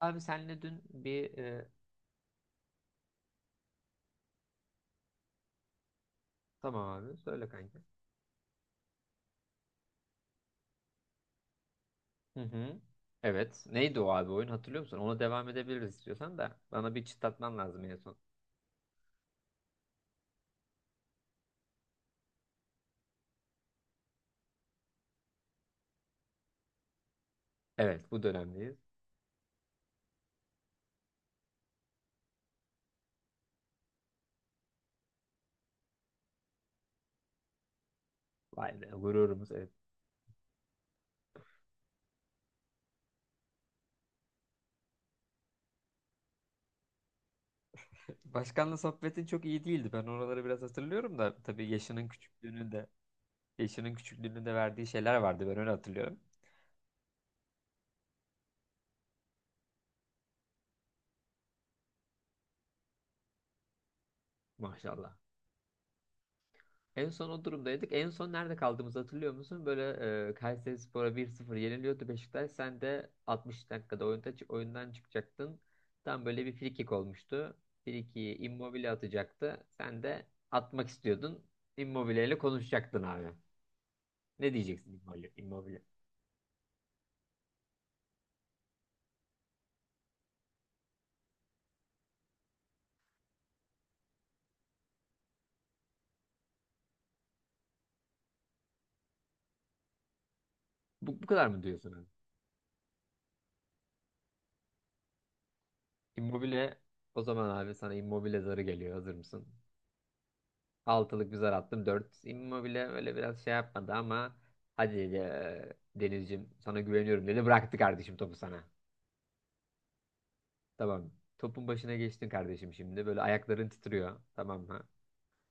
Abi senle dün bir, tamam abi söyle kanka. Hı hı. Evet. Neydi o abi oyun, hatırlıyor musun? Ona devam edebiliriz istiyorsan da. Bana bir çıtlatman lazım en son. Evet, bu dönemdeyiz. Vay be, gururumuz, evet. Başkanla sohbetin çok iyi değildi. Ben oraları biraz hatırlıyorum da tabii, yaşının küçüklüğünü de verdiği şeyler vardı. Ben öyle hatırlıyorum. Maşallah. En son o durumdaydık. En son nerede kaldığımızı hatırlıyor musun? Böyle Kayserispor'a 1-0 yeniliyordu Beşiktaş. Sen de 60 dakikada oyundan çıkacaktın. Tam böyle bir frikik olmuştu. Frikiyi Immobile atacaktı. Sen de atmak istiyordun. Immobile ile konuşacaktın abi. Ne diyeceksin Immobile? Immobile. Bu kadar mı diyorsun abi? Immobile, o zaman abi sana Immobile zarı geliyor. Hazır mısın? 6'lık bir zar attım. 4, Immobile öyle biraz şey yapmadı ama hadi, Denizciğim sana güveniyorum dedi. Bıraktı kardeşim topu sana. Tamam. Topun başına geçtin kardeşim şimdi. Böyle ayakların titriyor. Tamam mı?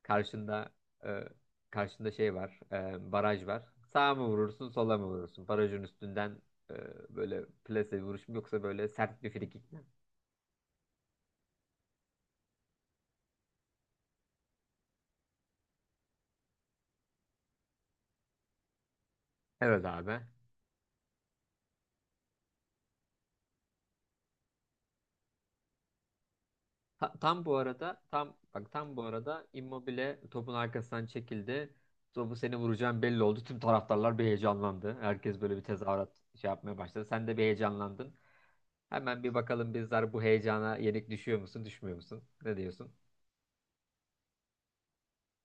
Karşında eee, şey var. Baraj var. Sağa mı vurursun, sola mı vurursun? Barajın üstünden eee, böyle plase vuruş mu, yoksa böyle sert bir frikik mi? Evet abi. Tam bu arada Immobile topun arkasından çekildi. Topu seni vuracağım belli oldu. Tüm taraftarlar bir heyecanlandı. Herkes böyle bir tezahürat şey yapmaya başladı. Sen de bir heyecanlandın. Hemen bir bakalım, bizler bu heyecana yenik düşüyor musun, düşmüyor musun? Ne diyorsun?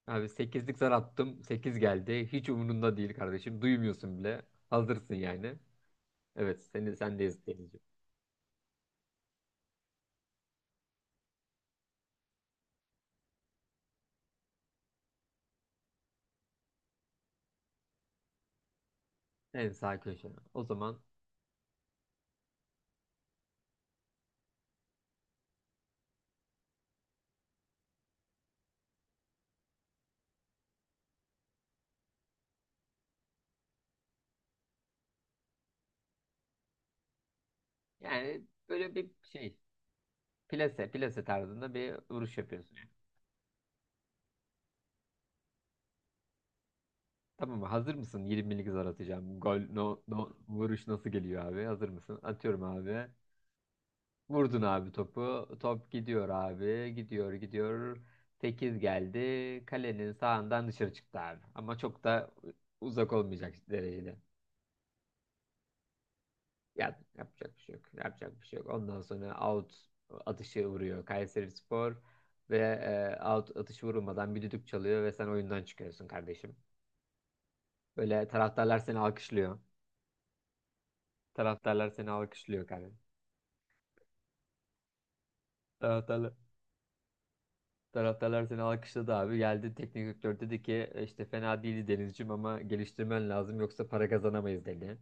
Abi 8'lik zar attım. 8 geldi. Hiç umurunda değil kardeşim. Duymuyorsun bile. Hazırsın yani. Evet, seni sendeyiz Denizciğim. En sağ köşe. O zaman yani böyle bir şey, plase plase tarzında bir vuruş yapıyorsun. Tamam mı? Hazır mısın? 20'lik zar atacağım. Gol, no, no, vuruş nasıl geliyor abi? Hazır mısın? Atıyorum abi. Vurdun abi topu. Top gidiyor abi. Gidiyor gidiyor. 8 geldi. Kalenin sağından dışarı çıktı abi. Ama çok da uzak olmayacak derecede. Ya, yapacak bir şey yok. Yapacak bir şey yok. Ondan sonra out atışı vuruyor Kayserispor ve out atışı vurulmadan bir düdük çalıyor ve sen oyundan çıkıyorsun kardeşim. Böyle taraftarlar seni alkışlıyor. Taraftarlar seni alkışlıyor kanka. Taraftarlar, taraftarlar seni alkışladı abi. Geldi teknik direktör, dedi ki "E, işte fena değildi Denizciğim ama geliştirmen lazım yoksa para kazanamayız" dedi.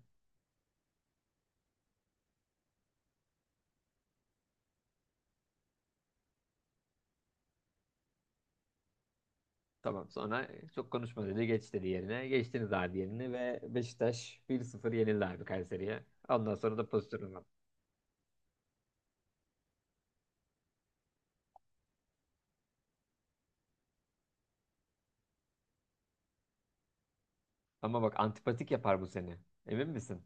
Tamam sonra çok konuşma dedi, geç dedi yerine. Geçtiniz abi yerine ve Beşiktaş 1-0 yenildi abi Kayseri'ye. Ondan sonra da pozisyon var. Ama bak, antipatik yapar bu seni. Emin misin?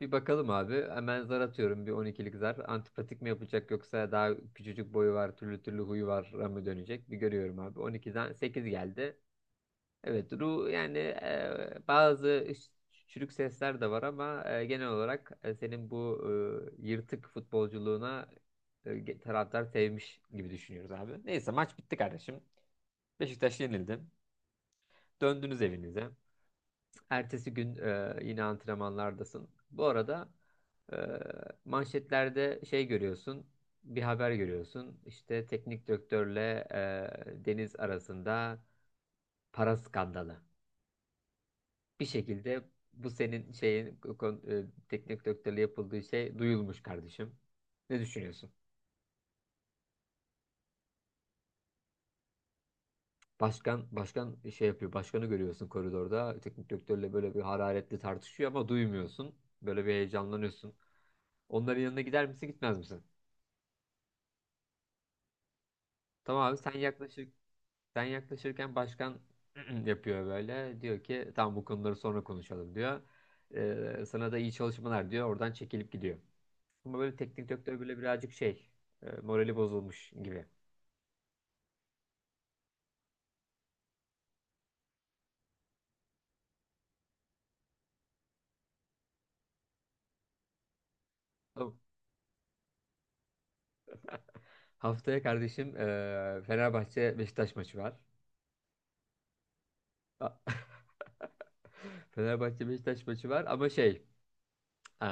Bir bakalım abi. Hemen zar atıyorum, bir 12'lik zar. Antipatik mi yapacak, yoksa daha küçücük boyu var, türlü türlü huyu var mı dönecek? Bir görüyorum abi. 12'den 8 geldi. Evet, yani, bazı çürük sesler de var ama genel olarak senin bu yırtık futbolculuğuna taraftar sevmiş gibi düşünüyoruz abi. Neyse, maç bitti kardeşim. Beşiktaş yenildi. Döndünüz evinize. Ertesi gün yine antrenmanlardasın. Bu arada e, manşetlerde şey görüyorsun, bir haber görüyorsun. İşte teknik direktörle Deniz arasında para skandalı. Bir şekilde bu senin şeyin teknik direktörle yapıldığı şey duyulmuş kardeşim. Ne düşünüyorsun? Başkan şey yapıyor. Başkanı görüyorsun koridorda. Teknik direktörle böyle bir hararetli tartışıyor ama duymuyorsun. Böyle bir heyecanlanıyorsun. Onların yanına gider misin, gitmez misin? Tamam abi, sen yaklaşırken başkan yapıyor böyle. Diyor ki, tamam bu konuları sonra konuşalım diyor. Sana da iyi çalışmalar diyor. Oradan çekilip gidiyor. Ama böyle teknik direktör böyle birazcık şey, morali bozulmuş gibi. Tamam. Haftaya kardeşim Fenerbahçe Beşiktaş maçı var. A- Fenerbahçe Beşiktaş maçı var ama şey, e,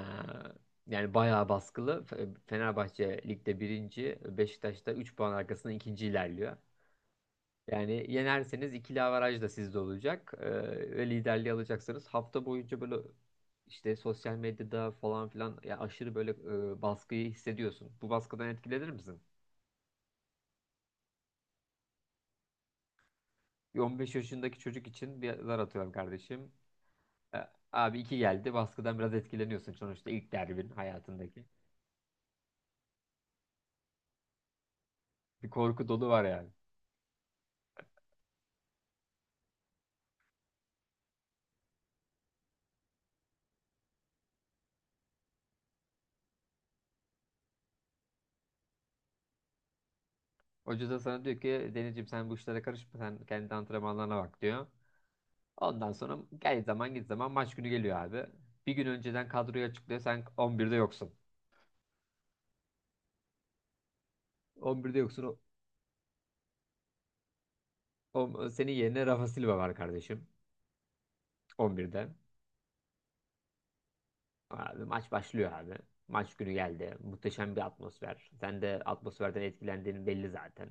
yani bayağı baskılı. Fenerbahçe ligde birinci, Beşiktaş da 3 puan arkasında ikinci ilerliyor. Yani yenerseniz ikili averaj da sizde olacak. Ve liderliği alacaksınız. Hafta boyunca böyle işte sosyal medyada falan filan, ya aşırı böyle baskıyı hissediyorsun. Bu baskıdan etkilenir misin? Bir 15 yaşındaki çocuk için bir zar atıyorum kardeşim. E, Abi iki geldi. Baskıdan biraz etkileniyorsun. Sonuçta ilk derbin hayatındaki. Bir korku dolu var yani. Hoca da sana diyor ki, Denizciğim sen bu işlere karışma. Sen kendi antrenmanlarına bak diyor. Ondan sonra gel zaman git zaman maç günü geliyor abi. Bir gün önceden kadroyu açıklıyor. Sen 11'de yoksun. 11'de yoksun. Senin yerine Rafa Silva var kardeşim. 11'de. Abi maç başlıyor abi. Maç günü geldi. Muhteşem bir atmosfer. Sen de atmosferden etkilendiğin belli zaten.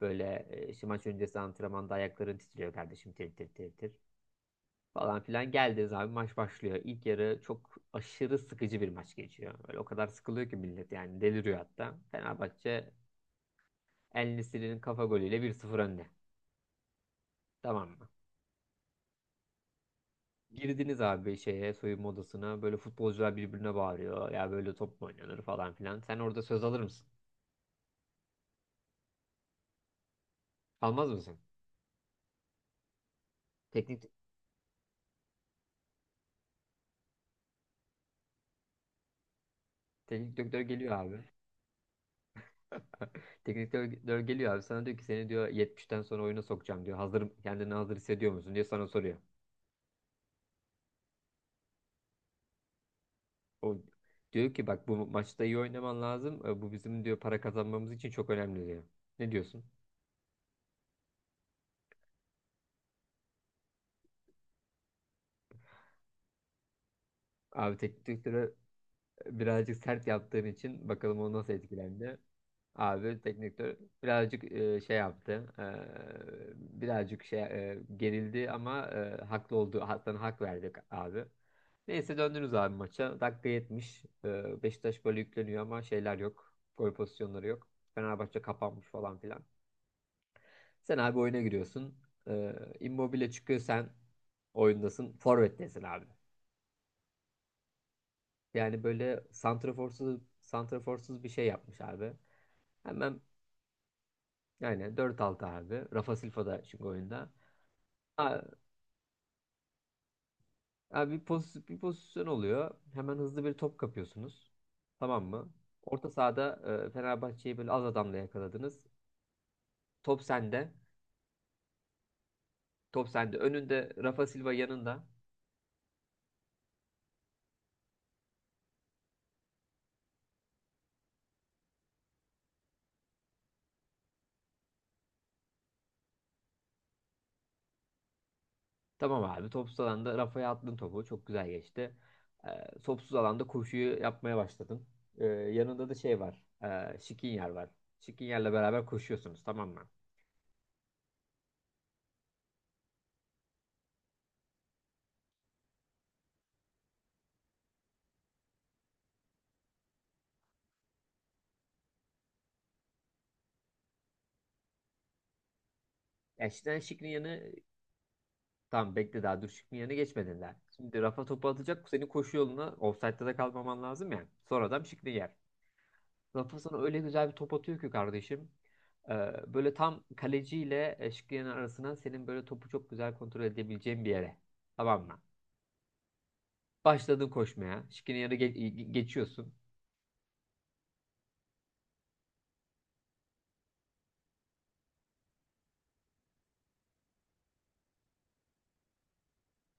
Böyle işte maç öncesi antrenmanda ayakların titriyor kardeşim. Tir tir tir tir. Falan filan geldiniz abi, maç başlıyor. İlk yarı çok aşırı sıkıcı bir maç geçiyor. Böyle o kadar sıkılıyor ki millet, yani deliriyor hatta. Fenerbahçe El-Nesiri'nin kafa golüyle 1-0 önde. Tamam mı? Girdiniz abi şeye, soyunma odasına. Böyle futbolcular birbirine bağırıyor. Ya böyle top mu oynanır falan filan. Sen orada söz alır mısın? Almaz mısın? Teknik teknik direktör geliyor abi. Teknik direktör geliyor abi. Sana diyor ki, seni diyor 70'ten sonra oyuna sokacağım diyor. Kendini hazır hissediyor musun diye sana soruyor. O diyor ki, bak bu maçta iyi oynaman lazım. Bu bizim diyor para kazanmamız için çok önemli diyor. Ne diyorsun? Abi, teknik direktörü birazcık sert yaptığın için bakalım o nasıl etkilendi. Abi teknik direktör birazcık e, şey yaptı. Birazcık şey gerildi ama haklı olduğu, sana hak verdik abi. Neyse, döndünüz abi maça. Dakika 70, Beşiktaş böyle yükleniyor ama şeyler yok. Gol pozisyonları yok. Fenerbahçe kapanmış falan filan. Sen abi oyuna giriyorsun. E, Immobile çıkıyor, sen oyundasın. Forvet'tesin abi. Yani böyle santraforsuz santraforsuz bir şey yapmış abi. Hemen, yani dört 6 abi. Rafa Silva da çünkü oyunda. A- Abi, bir pozisyon oluyor. Hemen hızlı bir top kapıyorsunuz. Tamam mı? Orta sahada Fenerbahçe'yi böyle az adamla yakaladınız. Top sende. Top sende. Önünde Rafa Silva, yanında. Tamam abi. Topsuz alanda Rafa'ya attın topu. Çok güzel geçti. Topsuz alanda koşuyu yapmaya başladın. Yanında da şey var. Skriniar var. Skriniar'la beraber koşuyorsunuz. Tamam mı? Yani, Şikrin yanı tamam bekle, daha Dürşik'in yerine geçmedin. Şimdi Rafa topu atacak. Senin koşu yoluna ofsaytta da kalmaman lazım ya. Sonradan adam yer. Rafa sana öyle güzel bir top atıyor ki kardeşim. Ee, Böyle tam kaleciyle Şikriye'nin arasına, senin böyle topu çok güzel kontrol edebileceğin bir yere. Tamam mı? Başladın koşmaya. Şikriye'ye geçiyorsun.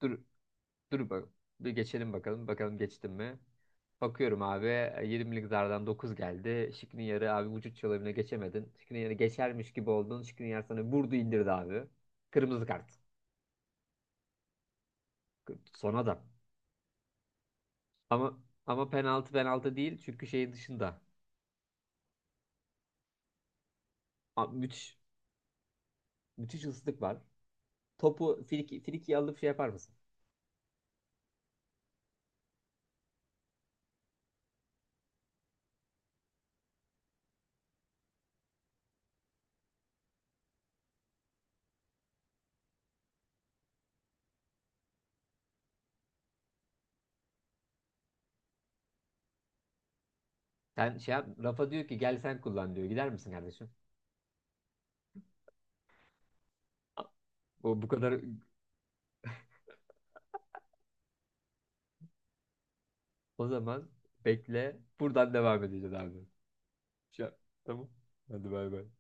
Dur, dur bak. Bir geçelim bakalım. Bakalım geçtim mi? Bakıyorum abi, 20'lik zardan 9 geldi. Şikniyar'ı abi vücut çalımına geçemedin. Şikniyar'ı geçermiş gibi oldun. Şikniyar sana vurdu indirdi abi. Kırmızı kart. Son adam. Ama ama penaltı değil, çünkü şeyin dışında. Abi, müthiş müthiş ıslık var. Topu frikiye alıp şey yapar mısın? Sen şey yap, Rafa diyor ki gel sen kullan diyor. Gider misin kardeşim? O bu kadar, o zaman bekle. Buradan devam edeceğiz abi. Ya, tamam. Hadi bay bay.